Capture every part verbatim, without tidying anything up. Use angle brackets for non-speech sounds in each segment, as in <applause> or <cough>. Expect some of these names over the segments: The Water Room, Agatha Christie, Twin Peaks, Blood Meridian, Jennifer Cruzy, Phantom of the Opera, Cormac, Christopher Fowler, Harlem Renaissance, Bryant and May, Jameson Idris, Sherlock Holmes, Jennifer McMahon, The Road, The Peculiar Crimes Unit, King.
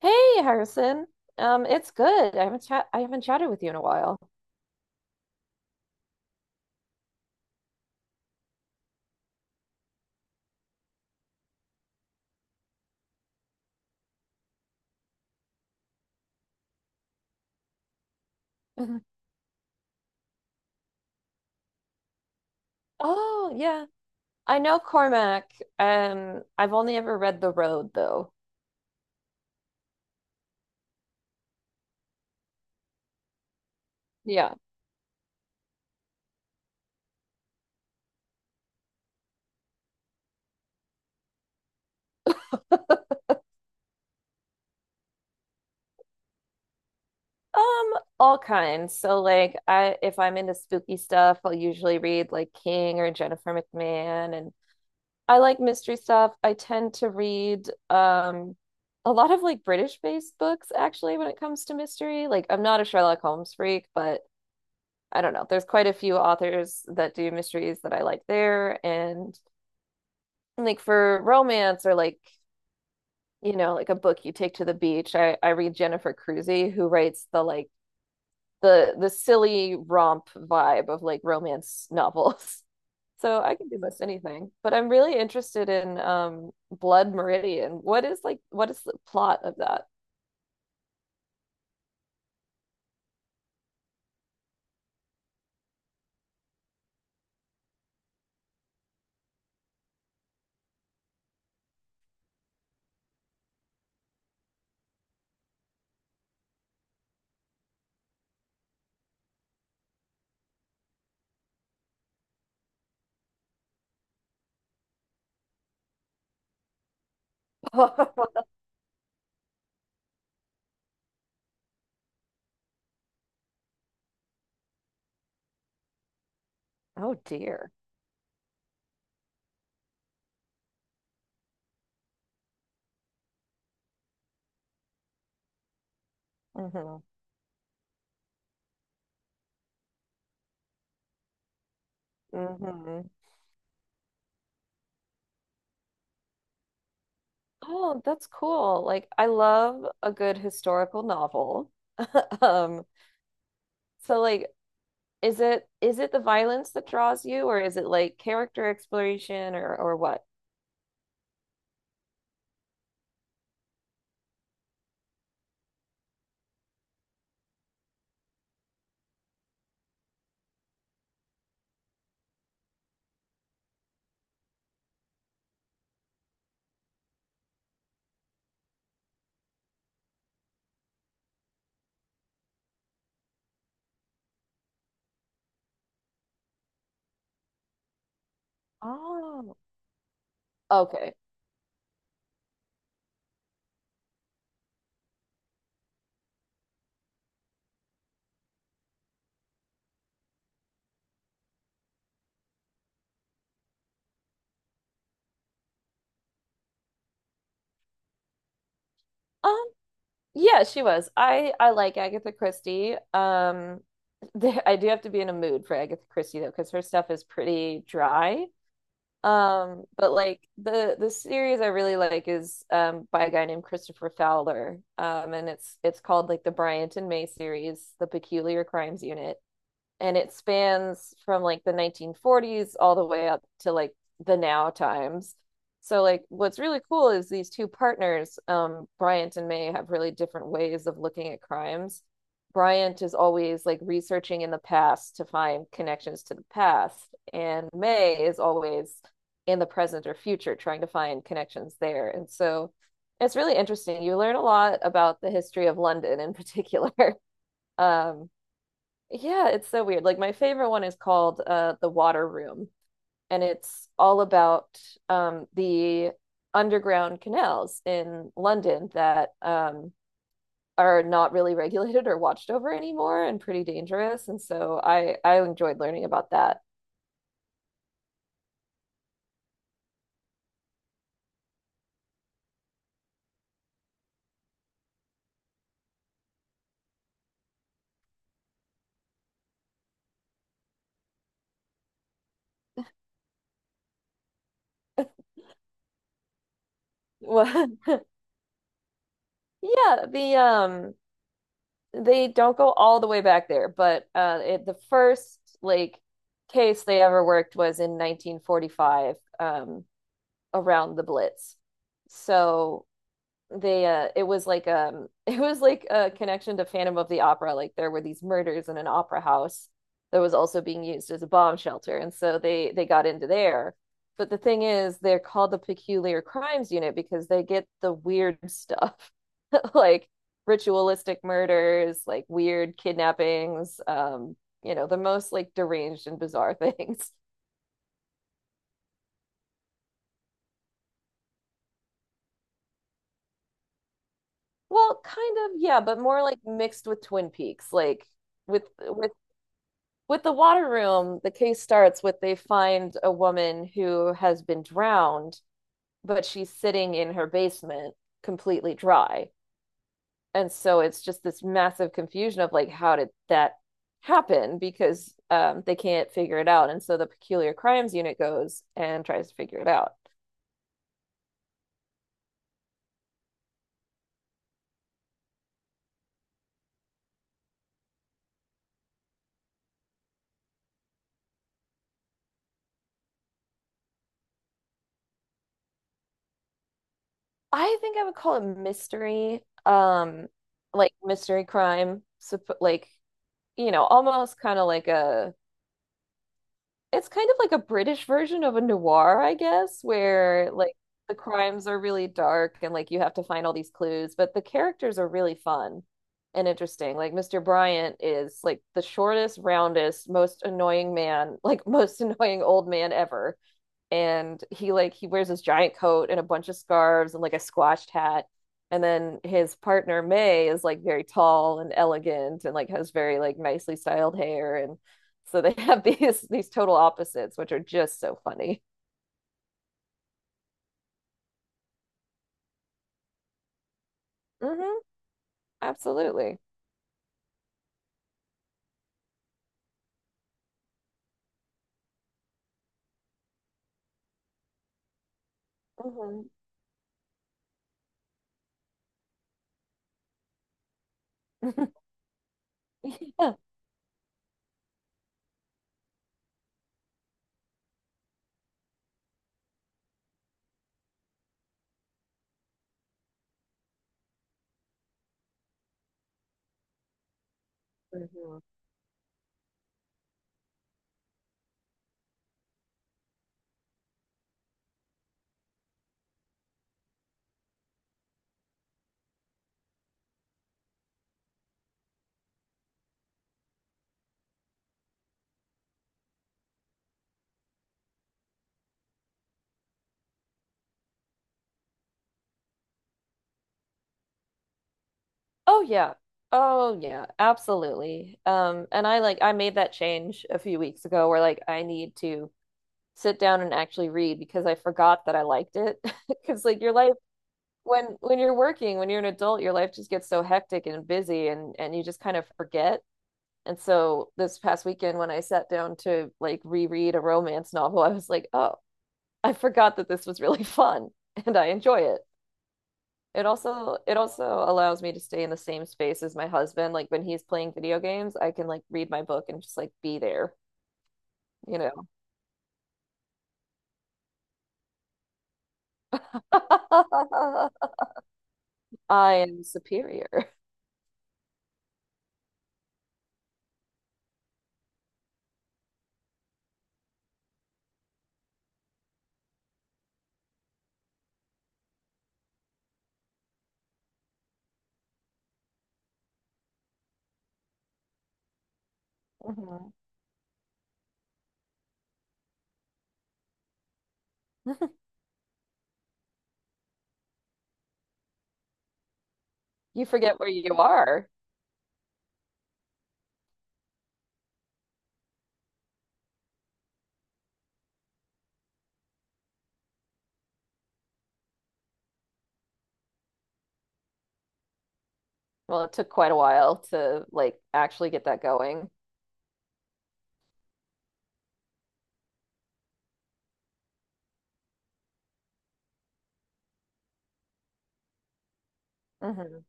Hey, Harrison. Um, it's good. I haven't chat I haven't chatted with you in a while. <laughs> Oh, yeah. I know Cormac. Um, I've only ever read The Road though. Yeah. Um, all kinds. So like I if I'm into spooky stuff, I'll usually read like King or Jennifer McMahon, and I like mystery stuff. I tend to read um a lot of like British-based books actually when it comes to mystery. Like I'm not a Sherlock Holmes freak, but I don't know. There's quite a few authors that do mysteries that I like there. And like for romance or like, you know, like a book you take to the beach, I, I read Jennifer Cruzy, who writes the like the the silly romp vibe of like romance novels. <laughs> So I can do most anything. But I'm really interested in um Blood Meridian. What is like what is the plot of that? <laughs> Oh dear. Hmm. Hmm. Oh, that's cool. Like, I love a good historical novel. <laughs> Um, so like, is it is it the violence that draws you, or is it like character exploration, or or what? Oh, okay. Um, yeah, she was. I I like Agatha Christie. Um, <laughs> I do have to be in a mood for Agatha Christie though, because her stuff is pretty dry. Um, but like the the series I really like is um by a guy named Christopher Fowler. Um, and it's it's called like the Bryant and May series, The Peculiar Crimes Unit, and it spans from like the nineteen forties all the way up to like the now times. So like what's really cool is these two partners, um, Bryant and May, have really different ways of looking at crimes. Bryant is always like researching in the past to find connections to the past, and May is always in the present or future trying to find connections there. And so it's really interesting. You learn a lot about the history of London in particular. <laughs> Um, yeah, it's so weird. Like my favorite one is called uh The Water Room, and it's all about um the underground canals in London that um are not really <laughs> regulated or watched over anymore and pretty dangerous. And so I I enjoyed learning about that. <laughs> What? Yeah, the um they don't go all the way back there, but uh it, the first like case they ever worked was in nineteen forty-five, um around the Blitz. So they uh it was like um <laughs> it was like a connection to Phantom of the Opera, like there were these murders in an opera house that was also being used as a bomb shelter, and so they they got into there. But the thing is they're called the Peculiar Crimes Unit because they get the weird <laughs> stuff. <laughs> Like ritualistic murders, like weird kidnappings, um, you know, the most like deranged and bizarre things. <laughs> Well, kind of, yeah, but more like mixed with Twin Peaks. Like with with with the water room, the case starts with they find a woman who has been drowned, but she's sitting in her basement completely dry. And so it's just this massive confusion of like how did that happen, because um, they can't figure it out, and so the peculiar crimes unit goes and tries to figure it out. I think I would call it mystery, um, like mystery crime, like, you know, almost kind of like a, it's kind of like a British version of a noir, I guess, where like the crimes are really dark and like you have to find all these clues, but the characters are really fun and interesting. Like mister Bryant is like the shortest, roundest, most annoying man, like most <laughs> annoying old man ever, and he like he wears this giant coat and a bunch of scarves and like a squashed hat, and then his partner May is like very tall and elegant and like has very like nicely styled hair, and so they <laughs> have these these total opposites, which are just so funny. Hmm. Absolutely. Hmm. <laughs> Yeah. Mhm. Oh yeah. Oh yeah, absolutely. Um, and I like I made that change a few weeks ago where like I need to sit down and actually read because I forgot that I liked it. Because <laughs> like your life, when when you're working, when you're an adult, your life just gets so hectic and busy, and and you just kind of forget. And so this past weekend when I sat down to like reread a romance novel, <laughs> I was like, "Oh, I forgot that this was really <laughs> fun and I enjoy it." It also it also allows me to stay in the same space as my husband. Like when he's playing video games, I can like read my book and just like be there, you know. <laughs> I am superior. Mhm. <laughs> You forget where you are. Well, it took quite a while to like actually get that going. Hmm.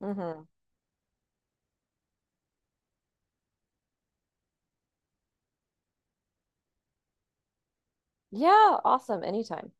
Hmm. Yeah, awesome. Anytime.